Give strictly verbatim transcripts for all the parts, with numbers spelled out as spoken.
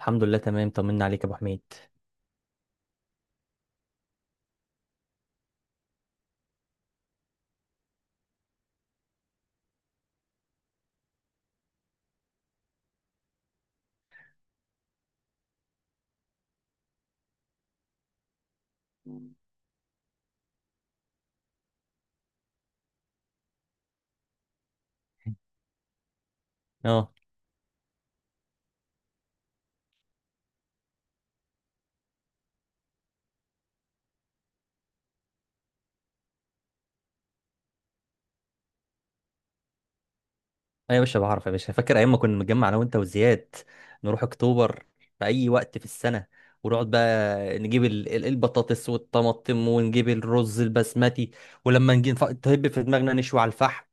الحمد لله، تمام. طمنا عليك يا ابو حميد. اه ايوه يا باشا، بعرف يا باشا. فاكر ايام ما كنا نتجمع انا وانت وزياد، نروح اكتوبر في اي وقت في السنه، ونقعد بقى نجيب ال- ال- البطاطس والطماطم، ونجيب الرز البسمتي. ولما نجي نف- تهب في دماغنا نشوي على الفحم،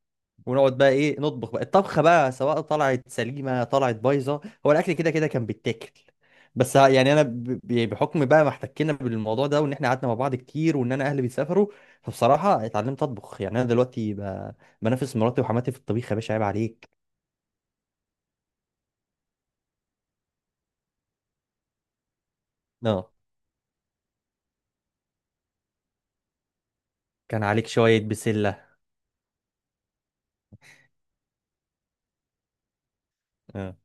ونقعد بقى ايه نطبخ بقى الطبخه بقى، سواء طلعت سليمه طلعت بايظه، هو الاكل كده كده كان بيتاكل. بس ه- يعني انا ب- ب- يعني بحكم بقى ما احتكينا بالموضوع ده، وان احنا قعدنا مع بعض كتير، وان انا اهلي بيسافروا، فبصراحه اتعلمت اطبخ. يعني انا دلوقتي ب- بنافس مراتي وحماتي في الطبيخ يا باشا، عيب عليك. اه. كان عليك شويه بسله. آه.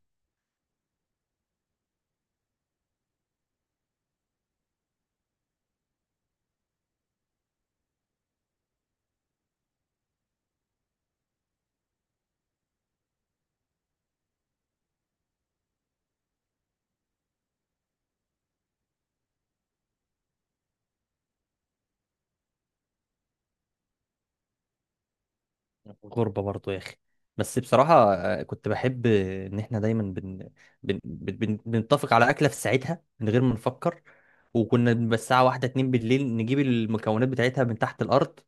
غربة برضو يا أخي. بس بصراحة آه، كنت بحب إن إحنا دايما بن... بن... بن... بن... بنتفق على أكلة في ساعتها من غير ما نفكر، وكنا بنبقى الساعة واحدة اتنين بالليل نجيب المكونات بتاعتها من تحت الأرض.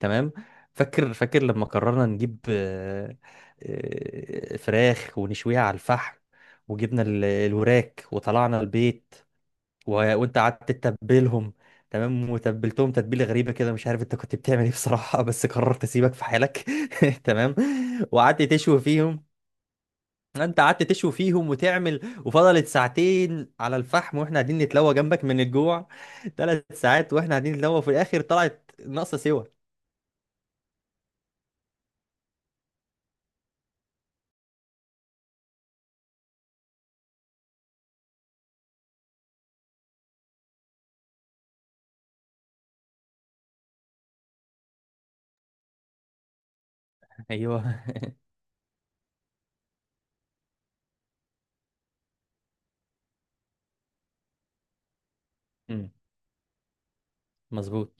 تمام. فاكر فاكر لما قررنا نجيب آه، آه، فراخ ونشويها على الفحم، وجبنا ال- الوراك وطلعنا البيت. و... وانت قعدت تتبلهم. تمام، وتبلتهم تتبيله غريبه كده، مش عارف انت كنت بتعمل ايه بصراحه، بس قررت اسيبك في حالك. تمام. وقعدت تشوي فيهم. انت قعدت تشوي فيهم وتعمل، وفضلت ساعتين على الفحم واحنا قاعدين نتلوى جنبك من الجوع. ثلاث ساعات واحنا قاعدين نتلوى، وفي الاخر طلعت ناقصه سوا. ايوه. امم. مظبوط.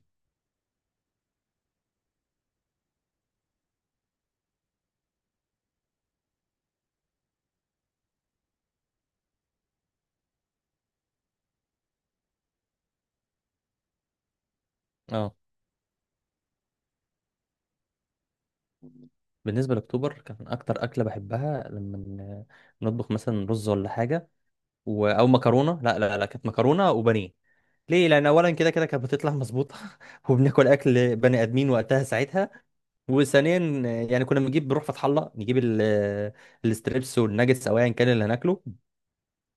اه، بالنسبه لاكتوبر كان اكتر اكله بحبها لما ن- نطبخ مثلا رز ولا حاجه، و... او مكرونه. لا لا لا، كانت مكرونه وبانيه. ليه؟ لان اولا كده كده كانت بتطلع مظبوطه، وبناكل اكل بني ادمين وقتها ساعتها. وثانيا، يعني كنا بنجيب بنروح فتح الله نجيب ال- الستريبس والناجتس او ايا كان اللي هناكله،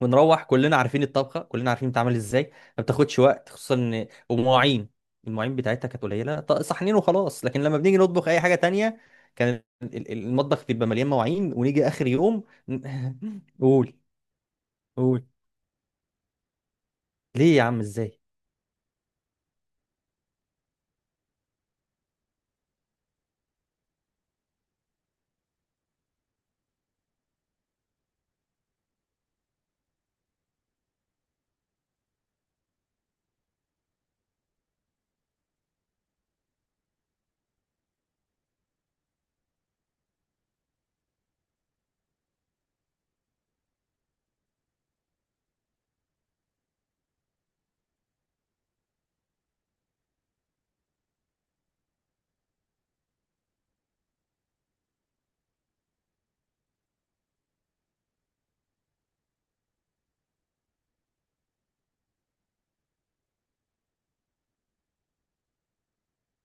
ونروح كلنا عارفين الطبخه، كلنا عارفين بتتعمل ازاي، ما بتاخدش وقت. خصوصا ان ومواعين، المواعين بتاعتها كانت قليله، ط- صحنين وخلاص. لكن لما بنيجي نطبخ اي حاجه تانية، كان ال- ال- المطبخ بيبقى مليان مواعين، ونيجي اخر يوم ن- قول. قول، ليه يا عم؟ ازاي؟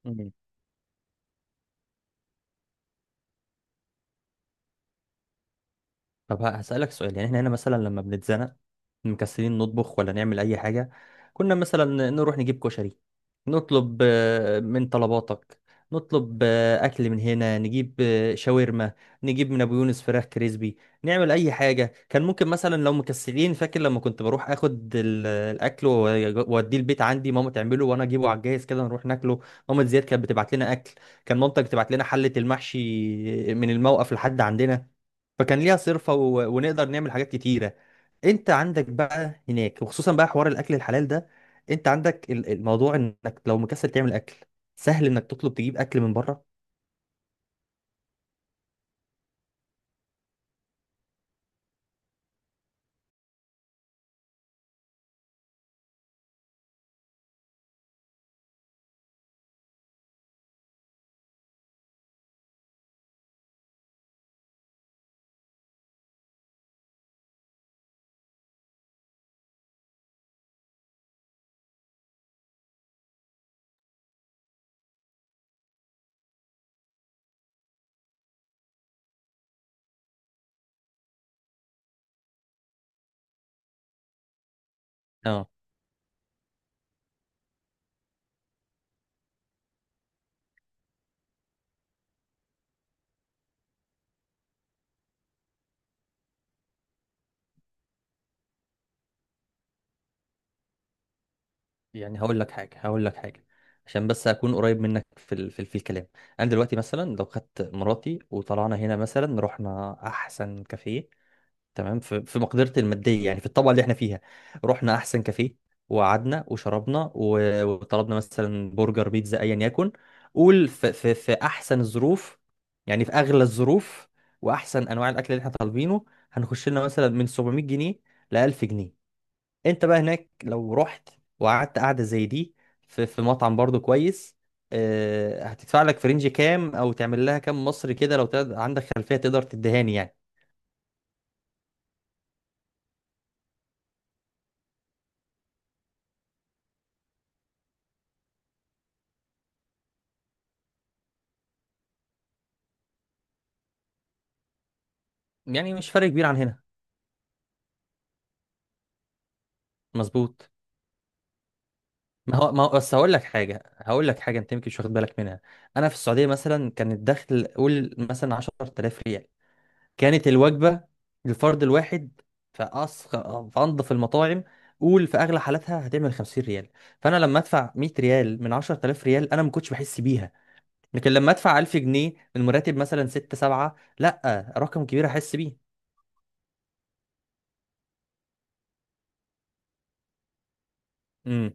مم. طب هسألك سؤال. يعني احنا هنا مثلا لما بنتزنق مكسلين نطبخ ولا نعمل اي حاجة، كنا مثلا نروح نجيب كشري، نطلب آه، من طلباتك، نطلب آه، اكل من هنا، نجيب آه، شاورما، نجيب من ابو يونس فراخ كريسبي، نعمل اي حاجة. كان ممكن مثلا لو مكسلين، فاكر لما كنت بروح اخد ال- الاكل و- واوديه البيت، عندي ماما تعمله وانا اجيبه على الجاهز كده نروح ناكله. ماما زياد كانت بتبعت لنا اكل. كان مامتك تبعت لنا حلة المحشي من الموقف لحد عندنا، فكان ليها صرفة، و... ونقدر نعمل حاجات كتيرة. انت عندك بقى هناك، وخصوصا بقى حوار الاكل الحلال ده، انت عندك ال- الموضوع انك لو مكسل تعمل اكل سهل انك تطلب تجيب اكل من بره. اه. يعني هقول لك حاجة، هقول لك حاجة عشان بس اكون قريب منك في ال... في, ال... في الكلام. انا دلوقتي مثلا لو خدت مراتي وطلعنا هنا مثلا، رحنا احسن كافيه، تمام، في في مقدرتي الماديه، يعني في الطبقه اللي احنا فيها، رحنا احسن كافيه، وقعدنا وشربنا و- وطلبنا مثلا برجر بيتزا ايا يكن، قول في, في, في, احسن الظروف، يعني في اغلى الظروف واحسن انواع الاكل اللي احنا طالبينه، هنخش لنا مثلا من سبعمية جنيه ل الف جنيه. انت بقى هناك لو رحت وقعدت قعده زي دي في في مطعم برضو كويس، آه، هتدفع لك في رينج كام؟ او تعمل لها كام مصري كده لو تقدر- عندك خلفيه تقدر تدهاني يعني. يعني مش فرق كبير عن هنا. مظبوط. ما هو ما هو بس هقول لك حاجه، هقول لك حاجه، انت يمكن مش واخد بالك منها. انا في السعوديه مثلا كان الدخل قول مثلا عشر آلاف ريال، كانت الوجبه للفرد الواحد في أصغ... في انظف المطاعم، قول في اغلى حالاتها هتعمل خمسين ريال، فانا لما ادفع مية ريال من عشر آلاف ريال انا ما كنتش بحس بيها. لكن لما ادفع الف جنيه من مرتب مثلا ستة سبعة، لا رقم كبير، احس بيه. امم.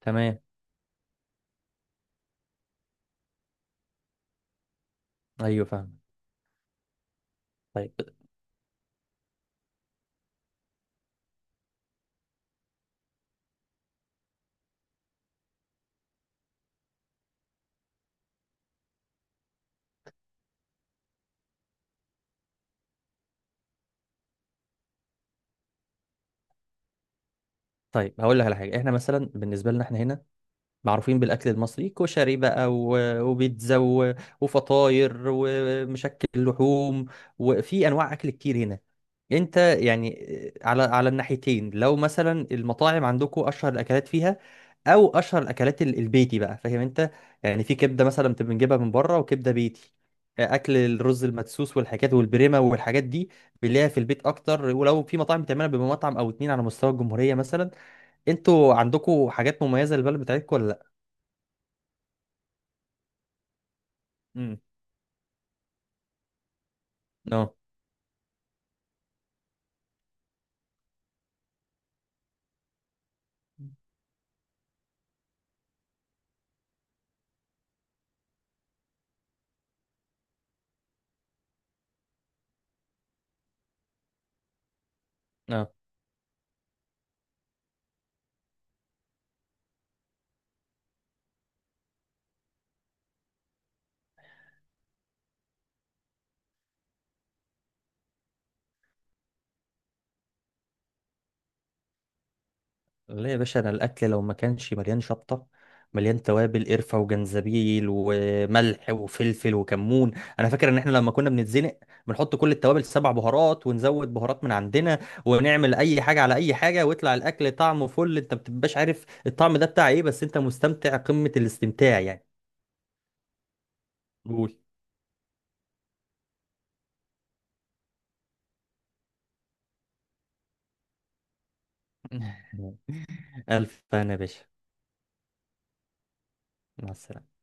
تمام. ايوه فاهم. طيب. طيب هقول لك على حاجه. احنا مثلا بالنسبه لنا احنا هنا معروفين بالأكل المصري، كشري بقى و- وبيتزا و- وفطاير ومشكل لحوم، وفي أنواع أكل كتير هنا. أنت يعني آه، على على الناحيتين لو مثلا المطاعم عندكم أشهر الأكلات فيها، أو أشهر الأكلات ال- البيتي بقى، فاهم أنت. يعني في كبدة مثلا بتبقى بنجيبها من بره وكبدة بيتي، آه، أكل الرز المدسوس والحاجات والبريمة والحاجات دي بنلاقيها في البيت أكتر، ولو في مطاعم بتعملها بمطعم أو اتنين على مستوى الجمهورية مثلا. أنتوا عندكم حاجات مميزة للبلد بتاعتكم ولا؟ امم. اه اه. لا يا باشا، انا الاكل لو ما كانش مليان شطه، مليان توابل قرفه وجنزبيل وملح وفلفل وكمون. انا فاكر ان احنا لما كنا بنتزنق بنحط كل التوابل، سبع بهارات ونزود بهارات من عندنا، ونعمل اي حاجه على اي حاجه، ويطلع الاكل طعمه فل. انت ما بتبقاش عارف الطعم ده بتاع ايه بس انت مستمتع قمه الاستمتاع يعني. قول. الف هنا يا باشا، مع السلامه.